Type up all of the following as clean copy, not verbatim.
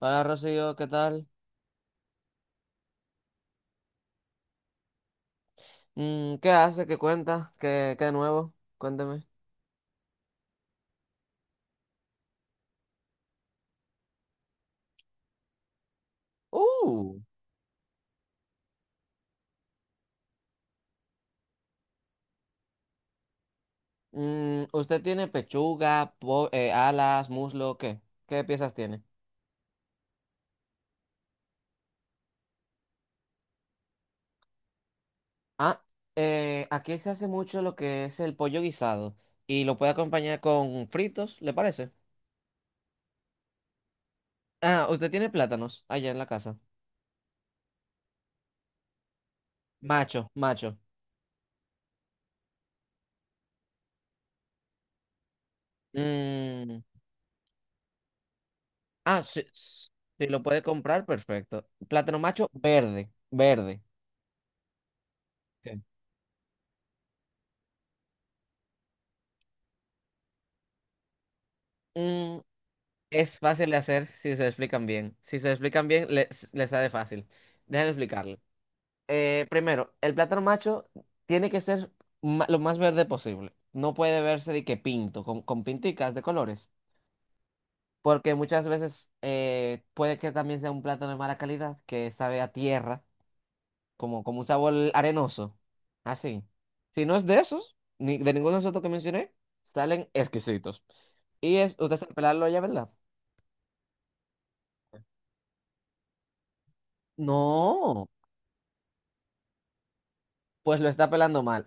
Hola Rocío, ¿qué tal? ¿Qué hace? ¿Qué cuenta? ¿Qué de nuevo? Cuénteme. Uh, ¿usted tiene pechuga, alas, muslo? ¿Qué? ¿Qué piezas tiene? Ah, aquí se hace mucho lo que es el pollo guisado y lo puede acompañar con fritos, ¿le parece? Ah, ¿usted tiene plátanos allá en la casa? Macho, macho. Mm, ah, sí, sí, lo puede comprar, perfecto. Plátano macho verde, verde. Ok. Mm, Es fácil de hacer si se lo explican bien. Si se lo explican bien, les sale fácil. Déjenme explicarle. Primero, el plátano macho tiene que ser lo más verde posible. No puede verse de que pinto, con pinticas de colores. Porque muchas veces puede que también sea un plátano de mala calidad, que sabe a tierra, como un sabor arenoso. Así. Si no es de esos, ni de ninguno de esos otros que mencioné, salen exquisitos. Usted sabe pelarlo ya, ¿verdad? No. Pues lo está pelando mal.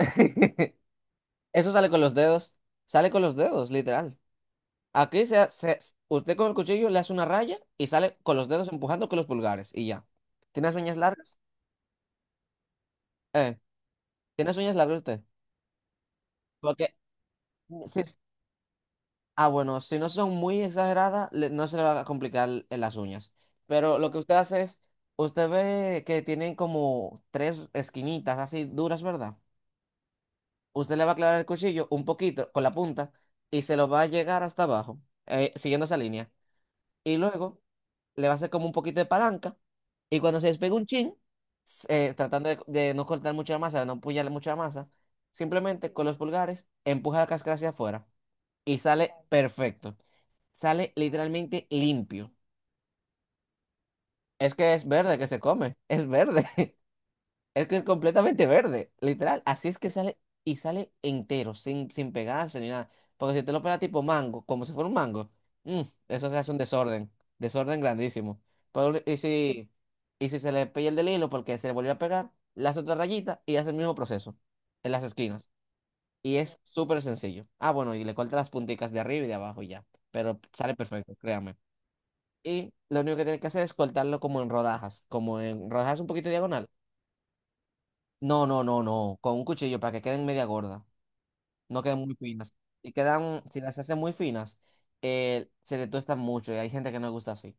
Eso sale con los dedos. Sale con los dedos, literal. Aquí se, ha- se- usted con el cuchillo le hace una raya y sale con los dedos empujando con los pulgares y ya. ¿Tienes uñas largas? Eh, ¿tienes uñas largas usted? Porque mm, si es- ah, bueno, si no son muy exageradas, no se le va a complicar las uñas. Pero lo que usted hace es, usted ve que tienen como tres esquinitas así duras, ¿verdad? Usted le va a clavar el cuchillo un poquito con la punta y se lo va a llegar hasta abajo, siguiendo esa línea. Y luego le va a hacer como un poquito de palanca y cuando se despegue un chin, tratando de no cortar mucha masa, de no puñalar mucha masa, simplemente con los pulgares empuja la cáscara hacia afuera y sale perfecto. Sale literalmente limpio. Es que es verde que se come, es verde. Es que es completamente verde, literal. Así es que sale y sale entero, sin pegarse ni nada. Porque si te lo pegas tipo mango, como si fuera un mango, mm, eso se hace un desorden, desorden grandísimo. Pero, y si se le pierde el del hilo porque se le volvió a pegar, las otras rayitas y hace el mismo proceso en las esquinas. Y es súper sencillo. Ah, bueno, y le corta las punticas de arriba y de abajo y ya. Pero sale perfecto, créame. Y lo único que tienes que hacer es cortarlo como en rodajas un poquito diagonal no, no, no, no. Con un cuchillo para que queden media gorda. No queden muy finas. Y quedan, si las hacen muy finas, se le tostan mucho y hay gente que no le gusta así.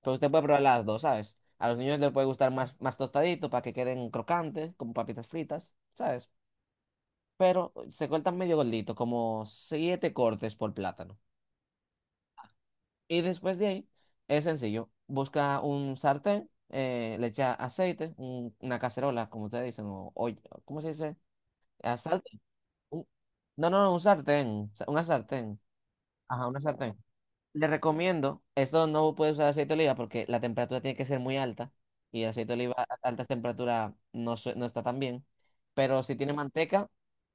Pero usted puede probar las dos, ¿sabes? A los niños les puede gustar más, más tostadito para que queden crocantes, como papitas fritas, ¿sabes? Pero se cortan medio gordito, como siete cortes por plátano. Y después de ahí, es sencillo. Busca un sartén, le echa aceite, una cacerola, como ustedes dicen, o, olla, ¿cómo se dice? Aceite. Un- No, no, no, un sartén, una sartén. Ajá, una sartén. Le recomiendo, esto no puede usar aceite de oliva porque la temperatura tiene que ser muy alta y el aceite de oliva a altas temperaturas no, no está tan bien, pero si tiene manteca,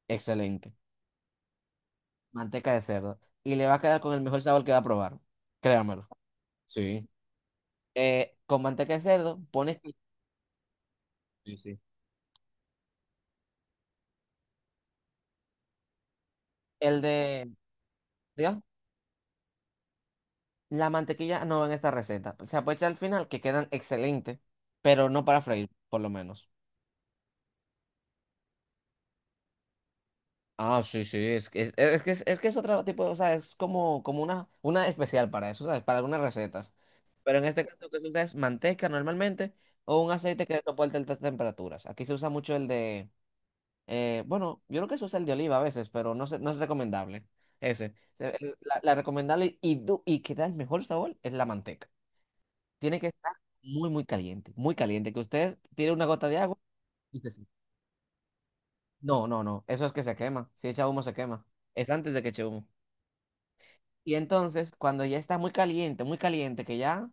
excelente. Manteca de cerdo. Y le va a quedar con el mejor sabor que va a probar, créamelo. Sí. Con manteca de cerdo, pones. Sí, sí. el de, diga, la mantequilla no va en esta receta. Se puede echar al final que quedan excelentes, pero no para freír, por lo menos. Ah, sí, sí, es que es otro tipo, o sea, es como una especial para eso, ¿sabes? Para algunas recetas. Pero en este caso que se usa es manteca normalmente o un aceite que soporte altas temperaturas. Aquí se usa mucho el de, bueno, yo creo que se usa el de oliva a veces, pero no, no es recomendable ese. La recomendable y que da el mejor sabor es la manteca. Tiene que estar muy, muy caliente, que usted tire una gota de agua y se... No, no, no, eso es que se quema. Si echa humo se quema. Es antes de que eche humo. Y entonces, cuando ya está muy caliente, que ya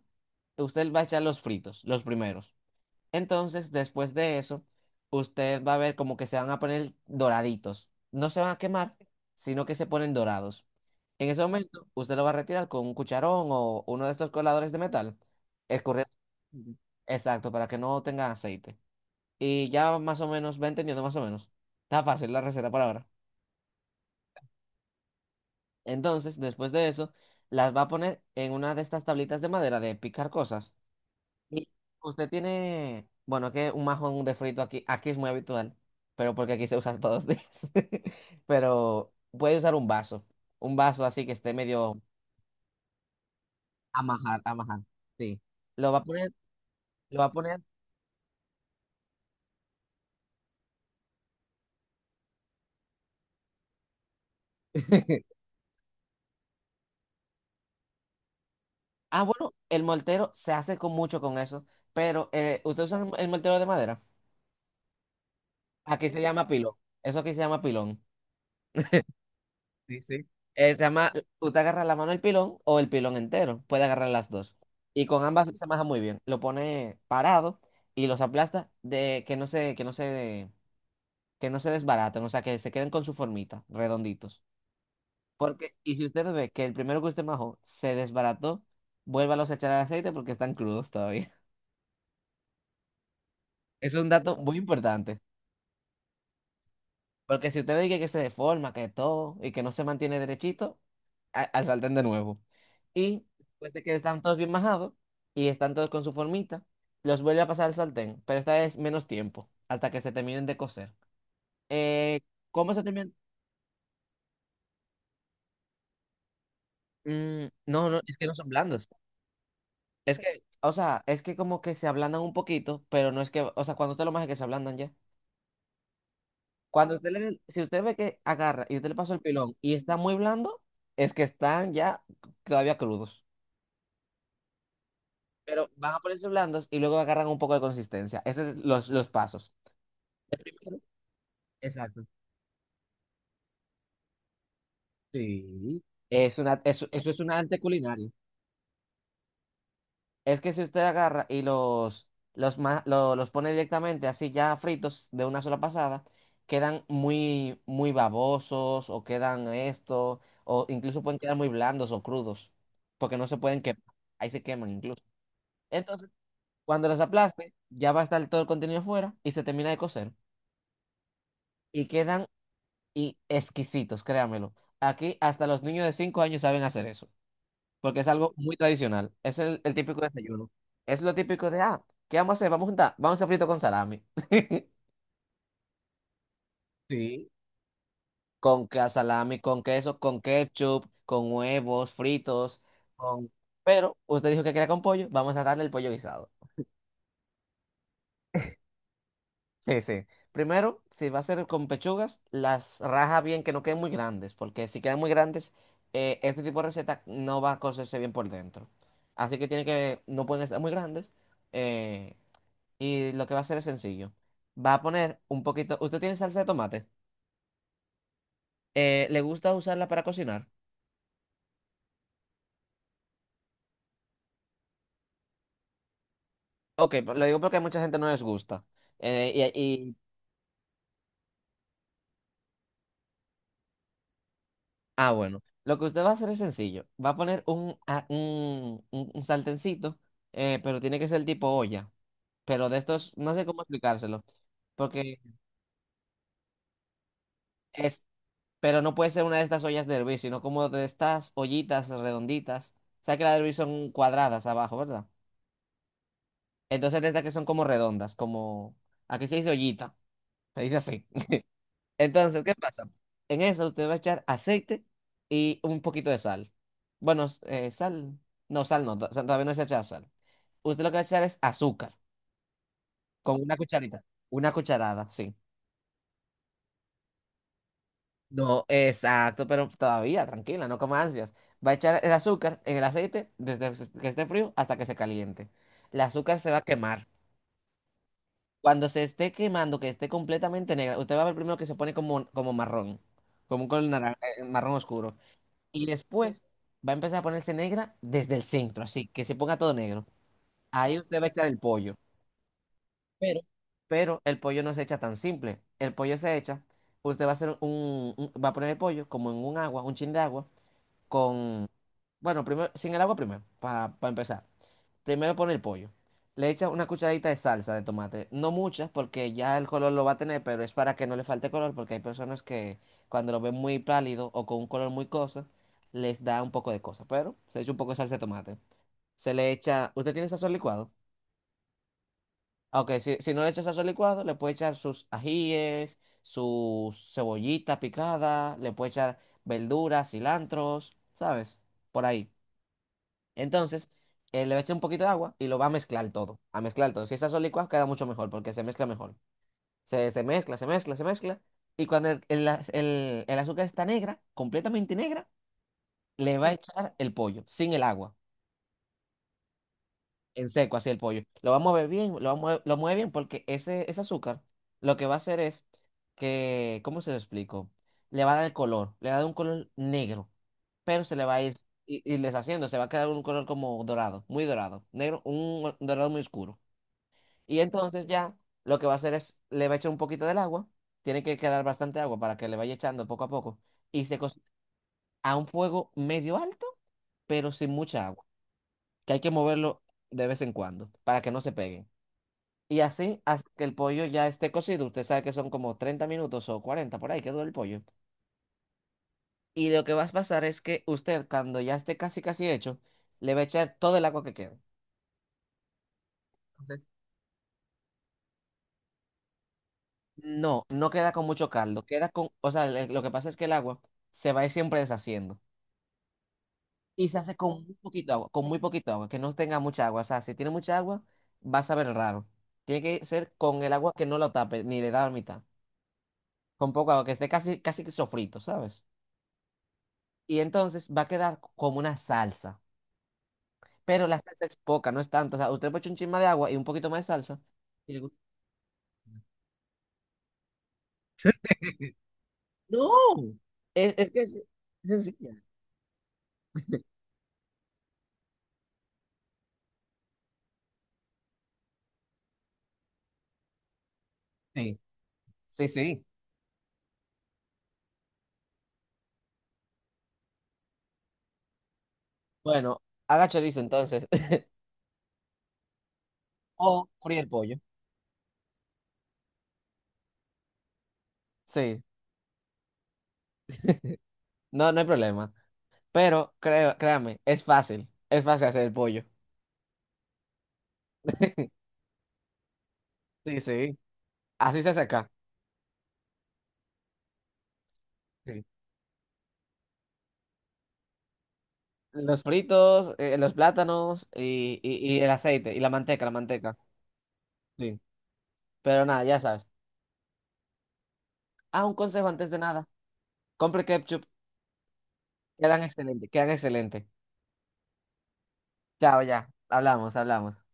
usted va a echar los fritos, los primeros. Entonces, después de eso, usted va a ver como que se van a poner doraditos. No se van a quemar, sino que se ponen dorados. En ese momento, usted lo va a retirar con un cucharón o uno de estos coladores de metal, escurriendo. Exacto, para que no tenga aceite. Y ya más o menos, va entendiendo más o menos. Está fácil la receta por ahora. Entonces, después de eso, las va a poner en una de estas tablitas de madera de picar cosas. Y usted tiene, bueno, que un majón de frito aquí, aquí es muy habitual, pero porque aquí se usa todos los días. Pero puede usar un vaso así que esté medio amajar, amajar. Sí. Lo va a poner, lo va a poner. Ah, bueno, el moltero se hace con mucho con eso, pero ¿usted usa el moltero de madera? Aquí se llama pilón. Eso aquí se llama pilón. Sí, sí. Eh, se llama, tú te agarras la mano del pilón o el pilón entero. Puede agarrar las dos. Y con ambas se maja muy bien. Lo pone parado y los aplasta de que no se, que no se, que no se desbaraten, o sea, que se queden con su formita, redonditos. Porque, y si usted ve que el primero que usted majó se desbarató, vuélvalos a echar al aceite porque están crudos todavía. Es un dato muy importante. Porque si usted ve que se deforma, que todo, y que no se mantiene derechito, al sartén de nuevo. Y después de que están todos bien majados y están todos con su formita, los vuelve a pasar al sartén, pero esta vez menos tiempo, hasta que se terminen de cocer. Eh, ¿cómo se terminan? Mm, no, no, es que no son blandos. Es que, o sea, es que como que se ablandan un poquito, pero no es que, o sea, cuando usted lo maje que se ablandan ya. Si usted ve que agarra y usted le pasó el pilón y está muy blando, es que están ya todavía crudos. Pero van a ponerse blandos y luego agarran un poco de consistencia. Esos son los pasos. El primero. Exacto. Sí. Eso es un arte culinario. Es que si usted agarra y los pone directamente así ya fritos de una sola pasada, quedan muy, muy babosos o quedan esto, o incluso pueden quedar muy blandos o crudos, porque no se pueden quemar. Ahí se queman incluso. Entonces, cuando los aplaste, ya va a estar todo el contenido fuera y se termina de cocer. Y quedan y exquisitos, créamelo. Aquí hasta los niños de 5 años saben hacer eso, porque es algo muy tradicional. Es el típico desayuno. Es lo típico ah, ¿qué vamos a hacer? Vamos a hacer frito con salami. Sí. Con salami, con queso, con ketchup, con huevos fritos, con... Pero usted dijo que quería con pollo, vamos a darle el pollo guisado. Sí, sí. Primero, si va a ser con pechugas, las raja bien que no queden muy grandes, porque si quedan muy grandes, este tipo de receta no va a cocerse bien por dentro. Así que tiene que, no pueden estar muy grandes. eh, y lo que va a hacer es sencillo. Va a poner un poquito. ¿Usted tiene salsa de tomate? ¿Le gusta usarla para cocinar? Ok, pero lo digo porque a mucha gente no les gusta. Eh, y, y- ah, bueno. Lo que usted va a hacer es sencillo. Va a poner un, a- un, un sartencito, pero tiene que ser tipo olla. Pero de estos, no sé cómo explicárselo, porque es, pero no puede ser una de estas ollas de hervir, sino como de estas ollitas redonditas. Sabes que las de hervir son cuadradas abajo, ¿verdad? Entonces de estas que son como redondas, como, aquí se dice ollita, se dice así. Entonces, ¿qué pasa? En eso usted va a echar aceite y un poquito de sal. Bueno, sal no, todavía no se echa sal. Usted lo que va a echar es azúcar, con una cucharita, una cucharada, sí. No, exacto, pero todavía, tranquila, no comas ansias. Va a echar el azúcar en el aceite desde que esté frío hasta que se caliente. El azúcar se va a quemar. Cuando se esté quemando, que esté completamente negra, usted va a ver primero que se pone como marrón, como un color marrón oscuro. Y después va a empezar a ponerse negra desde el centro, así que se ponga todo negro. Ahí usted va a echar el pollo. Pero, pero el pollo no se echa tan simple. El pollo se echa, usted va a hacer va a poner el pollo como en un agua, un chin de agua. con, bueno, primero, sin el agua primero, para empezar. Primero pone el pollo. Le echas una cucharadita de salsa de tomate. No muchas, porque ya el color lo va a tener, pero es para que no le falte color, porque hay personas que cuando lo ven muy pálido o con un color muy cosa, les da un poco de cosa. Pero se echa un poco de salsa de tomate. Se le echa. ¿Usted tiene sazón licuado? Ah, OK, si no le echa sazón licuado, le puede echar sus ajíes, su cebollita picada, le puede echar verduras, cilantros, ¿sabes? Por ahí. Entonces, le va a echar un poquito de agua y lo va a mezclar todo, a mezclar todo. Si está solo licuado, queda mucho mejor porque se mezcla mejor. Se mezcla, se mezcla, se mezcla. Y cuando el azúcar está negra, completamente negra, le va a echar el pollo, sin el agua, en seco, así el pollo. Lo va a mover bien, lo va a mover- lo mueve bien porque ese azúcar lo que va a hacer es que, ¿cómo se lo explico? Le va a dar el color, le va a dar un color negro, pero se le va a ir y deshaciendo, se va a quedar un color como dorado, muy dorado, negro, un dorado muy oscuro. Y entonces ya lo que va a hacer es, le va a echar un poquito del agua, tiene que quedar bastante agua para que le vaya echando poco a poco, y se cocina a un fuego medio alto, pero sin mucha agua, que hay que moverlo de vez en cuando para que no se pegue. Y así hasta que el pollo ya esté cocido, usted sabe que son como 30 minutos o 40 por ahí que dura el pollo. Y lo que va a pasar es que usted, cuando ya esté casi casi hecho, le va a echar todo el agua que queda. Entonces, no, no queda con mucho caldo, queda con, o sea, lo que pasa es que el agua se va a ir siempre deshaciendo. Y se hace con muy poquito agua, con muy poquito agua, que no tenga mucha agua. O sea, si tiene mucha agua, va a saber raro. Tiene que ser con el agua que no lo tape, ni le da la mitad. Con poco agua, que esté casi, casi que sofrito, ¿sabes? Y entonces va a quedar como una salsa. Pero la salsa es poca, no es tanto. O sea, usted le echa un chisme de agua y un poquito más de salsa. No, es que es sencilla. Sí, sí, sí. Bueno, haga chorizo entonces. O fríe el pollo. Sí, no, no hay problema. Pero creo, créame, es fácil. Es fácil hacer el pollo. Sí, sí. Así se hace acá. Sí. Los fritos, los plátanos y el aceite y la manteca, la manteca. Sí. Pero nada, ya sabes. Ah, un consejo antes de nada. Compre ketchup. Quedan excelentes, quedan excelentes. Chao, ya. Hablamos, hablamos.